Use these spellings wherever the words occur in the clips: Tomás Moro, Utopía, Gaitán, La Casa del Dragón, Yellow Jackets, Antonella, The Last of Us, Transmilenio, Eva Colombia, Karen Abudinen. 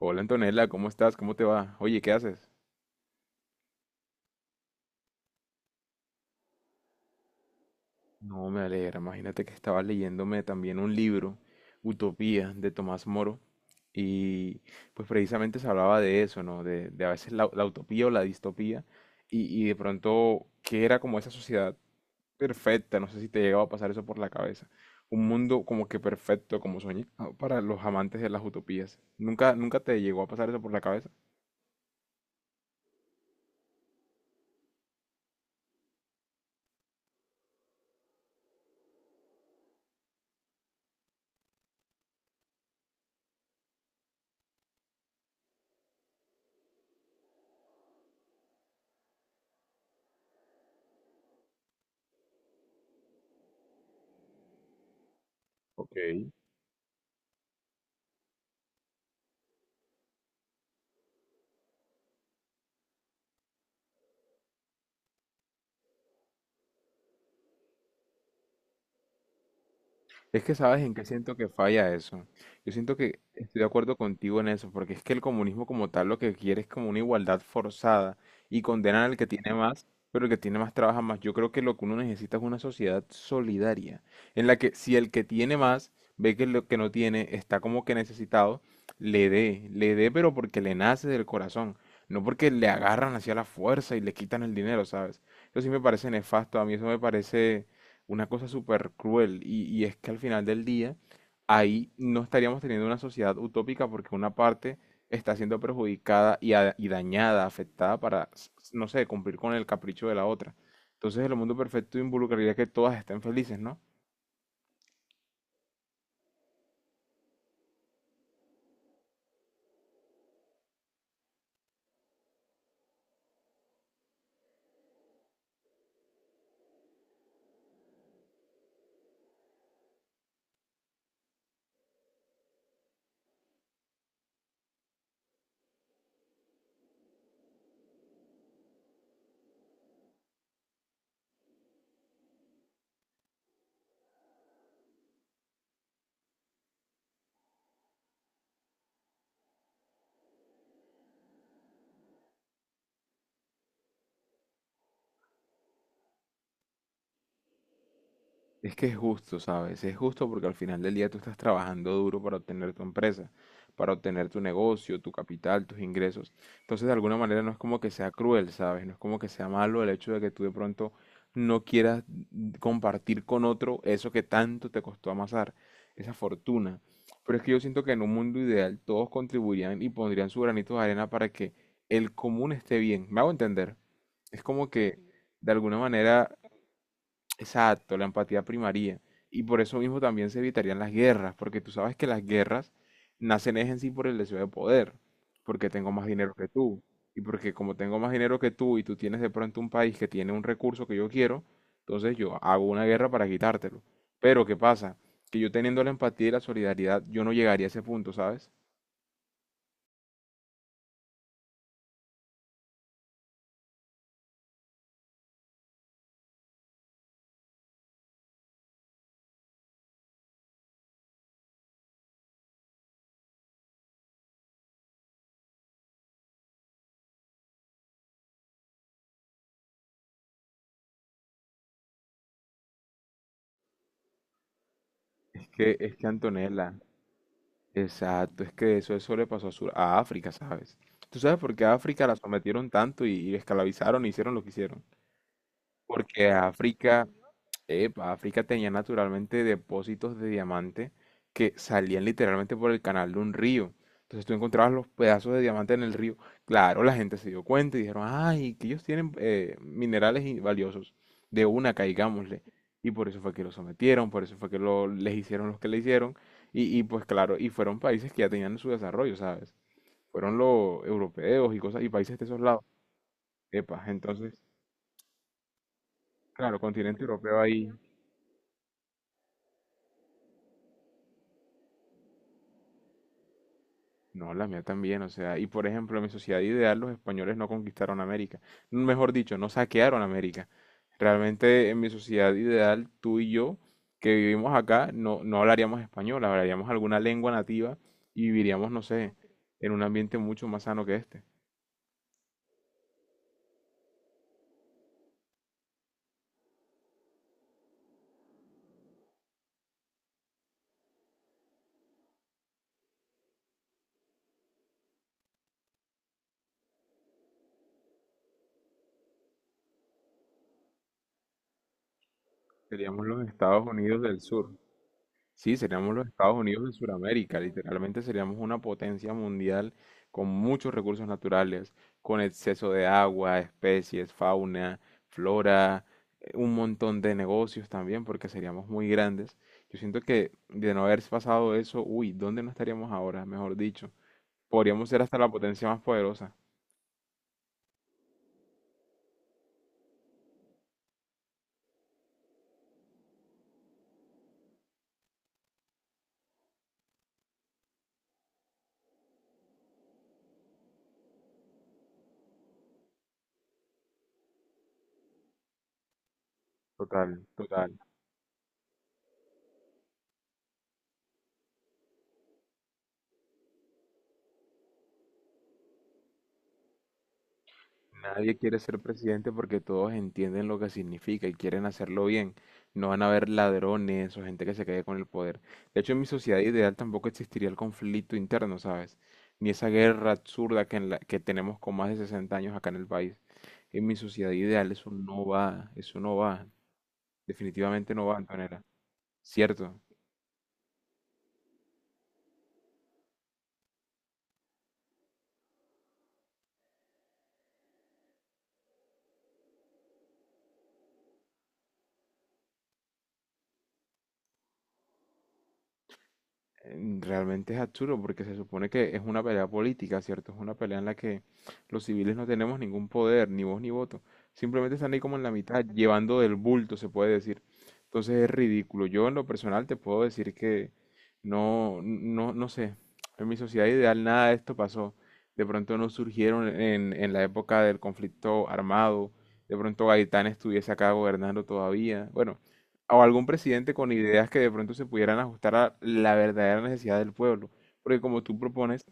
Hola Antonella, ¿cómo estás? ¿Cómo te va? Oye, ¿qué haces? No, me alegra. Imagínate que estaba leyéndome también un libro, Utopía, de Tomás Moro, y pues precisamente se hablaba de eso, ¿no? De a veces la utopía o la distopía, y de pronto, ¿qué era como esa sociedad perfecta? No sé si te llegaba a pasar eso por la cabeza. Un mundo como que perfecto, como soñado para los amantes de las utopías. ¿Nunca, nunca te llegó a pasar eso por la cabeza? Ok. Es que sabes en qué siento que falla eso. Yo siento que estoy de acuerdo contigo en eso, porque es que el comunismo como tal lo que quiere es como una igualdad forzada y condenan al que tiene más, pero el que tiene más trabaja más. Yo creo que lo que uno necesita es una sociedad solidaria, en la que si el que tiene más ve que lo que no tiene está como que necesitado, le dé, pero porque le nace del corazón, no porque le agarran hacia la fuerza y le quitan el dinero, ¿sabes? Eso sí me parece nefasto, a mí eso me parece una cosa súper cruel. Y es que al final del día, ahí no estaríamos teniendo una sociedad utópica porque una parte está siendo perjudicada y, y dañada, afectada para, no sé, cumplir con el capricho de la otra. Entonces el mundo perfecto involucraría que todas estén felices, ¿no? Es que es justo, ¿sabes? Es justo porque al final del día tú estás trabajando duro para obtener tu empresa, para obtener tu negocio, tu capital, tus ingresos. Entonces, de alguna manera no es como que sea cruel, ¿sabes? No es como que sea malo el hecho de que tú de pronto no quieras compartir con otro eso que tanto te costó amasar, esa fortuna. Pero es que yo siento que en un mundo ideal todos contribuirían y pondrían su granito de arena para que el común esté bien. ¿Me hago entender? Es como que de alguna manera exacto, la empatía primaría. Y por eso mismo también se evitarían las guerras, porque tú sabes que las guerras nacen es en sí por el deseo de poder, porque tengo más dinero que tú. Y porque como tengo más dinero que tú y tú tienes de pronto un país que tiene un recurso que yo quiero, entonces yo hago una guerra para quitártelo. Pero ¿qué pasa? Que yo teniendo la empatía y la solidaridad, yo no llegaría a ese punto, ¿sabes? Es que Antonella, exacto, es que eso le pasó a, a África, ¿sabes? ¿Tú sabes por qué a África la sometieron tanto y esclavizaron y hicieron lo que hicieron? Porque África, epa, África tenía naturalmente depósitos de diamante que salían literalmente por el canal de un río. Entonces tú encontrabas los pedazos de diamante en el río. Claro, la gente se dio cuenta y dijeron, ay, que ellos tienen minerales valiosos. De una, caigámosle. Y por eso fue que lo sometieron, por eso fue que lo, les hicieron los que le hicieron. Y pues claro, y fueron países que ya tenían su desarrollo, ¿sabes? Fueron los europeos y cosas, y países de esos lados. Epa, entonces, claro, continente europeo ahí. No, la mía también, o sea, y por ejemplo, en mi sociedad ideal los españoles no conquistaron América, mejor dicho, no saquearon América. Realmente en mi sociedad ideal, tú y yo, que vivimos acá, no hablaríamos español, hablaríamos alguna lengua nativa y viviríamos, no sé, en un ambiente mucho más sano que este. Seríamos los Estados Unidos del Sur. Sí, seríamos los Estados Unidos de Sudamérica, literalmente seríamos una potencia mundial con muchos recursos naturales, con exceso de agua, especies, fauna, flora, un montón de negocios también, porque seríamos muy grandes. Yo siento que de no haber pasado eso, uy, ¿dónde no estaríamos ahora? Mejor dicho, podríamos ser hasta la potencia más poderosa. Total, total. Nadie quiere ser presidente porque todos entienden lo que significa y quieren hacerlo bien. No van a haber ladrones o gente que se quede con el poder. De hecho, en mi sociedad ideal tampoco existiría el conflicto interno, ¿sabes? Ni esa guerra absurda que, que tenemos con más de 60 años acá en el país. En mi sociedad ideal eso no va, eso no va. Definitivamente no va, Antonella. ¿Cierto? Mm, realmente es absurdo porque se supone que es una pelea política, ¿cierto? Es una pelea en la que los civiles no tenemos ningún poder, ni voz ni voto. Simplemente están ahí como en la mitad, llevando del bulto, se puede decir. Entonces es ridículo. Yo en lo personal te puedo decir que no sé. En mi sociedad ideal nada de esto pasó. De pronto no surgieron en la época del conflicto armado. De pronto Gaitán estuviese acá gobernando todavía. Bueno, o algún presidente con ideas que de pronto se pudieran ajustar a la verdadera necesidad del pueblo. Porque como tú propones,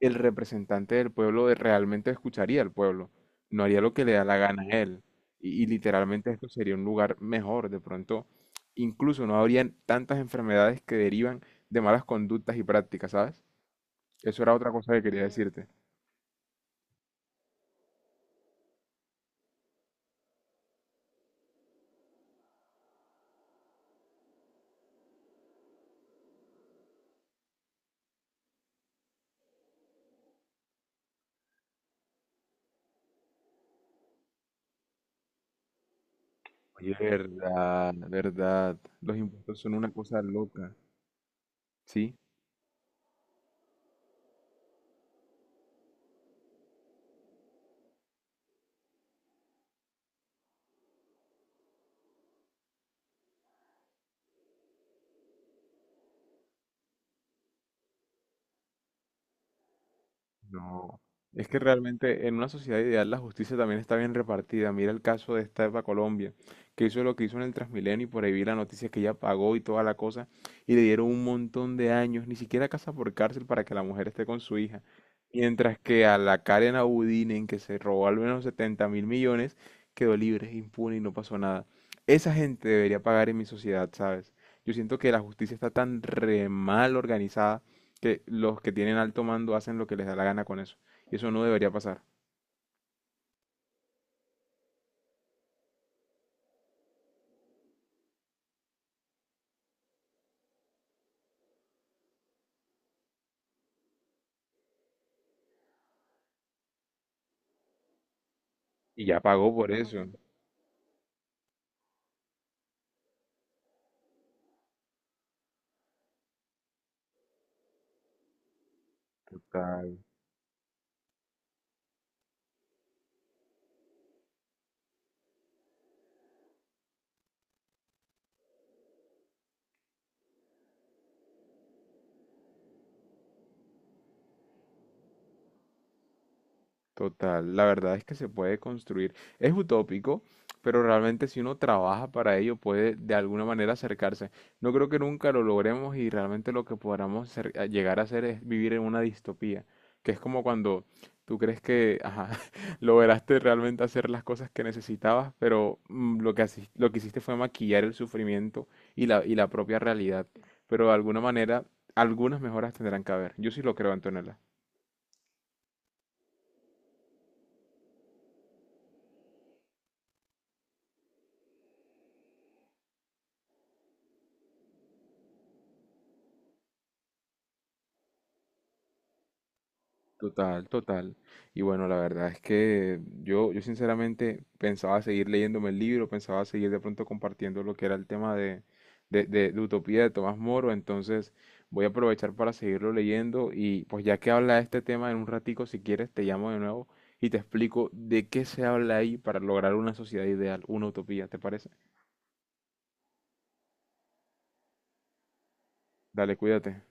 el representante del pueblo realmente escucharía al pueblo, no haría lo que le da la gana a él. Y literalmente esto sería un lugar mejor. De pronto, incluso no habrían tantas enfermedades que derivan de malas conductas y prácticas, ¿sabes? Eso era otra cosa que quería decirte. Oye, verdad, verdad. Los impuestos son una cosa loca, ¿sí? No, es que realmente en una sociedad ideal la justicia también está bien repartida. Mira el caso de esta Eva Colombia, que hizo lo que hizo en el Transmilenio y por ahí vi la noticia que ella pagó y toda la cosa y le dieron un montón de años, ni siquiera casa por cárcel para que la mujer esté con su hija. Mientras que a la Karen Abudinen, que se robó al menos 70.000.000.000, quedó libre, impune y no pasó nada. Esa gente debería pagar en mi sociedad, ¿sabes? Yo siento que la justicia está tan re mal organizada que los que tienen alto mando hacen lo que les da la gana con eso. Y eso no debería pasar. Y ya pagó por eso. Total. Total, la verdad es que se puede construir. Es utópico, pero realmente si uno trabaja para ello puede de alguna manera acercarse. No creo que nunca lo logremos y realmente lo que podamos a llegar a hacer es vivir en una distopía, que es como cuando tú crees que ajá, lograste realmente hacer las cosas que necesitabas, pero lo que, lo que hiciste fue maquillar el sufrimiento y y la propia realidad. Pero de alguna manera, algunas mejoras tendrán que haber. Yo sí lo creo, Antonella. Total, total. Y bueno, la verdad es que yo sinceramente pensaba seguir leyéndome el libro, pensaba seguir de pronto compartiendo lo que era el tema de, de Utopía de Tomás Moro, entonces voy a aprovechar para seguirlo leyendo y pues ya que habla de este tema en un ratico, si quieres, te llamo de nuevo y te explico de qué se habla ahí para lograr una sociedad ideal, una utopía, ¿te parece? Dale, cuídate.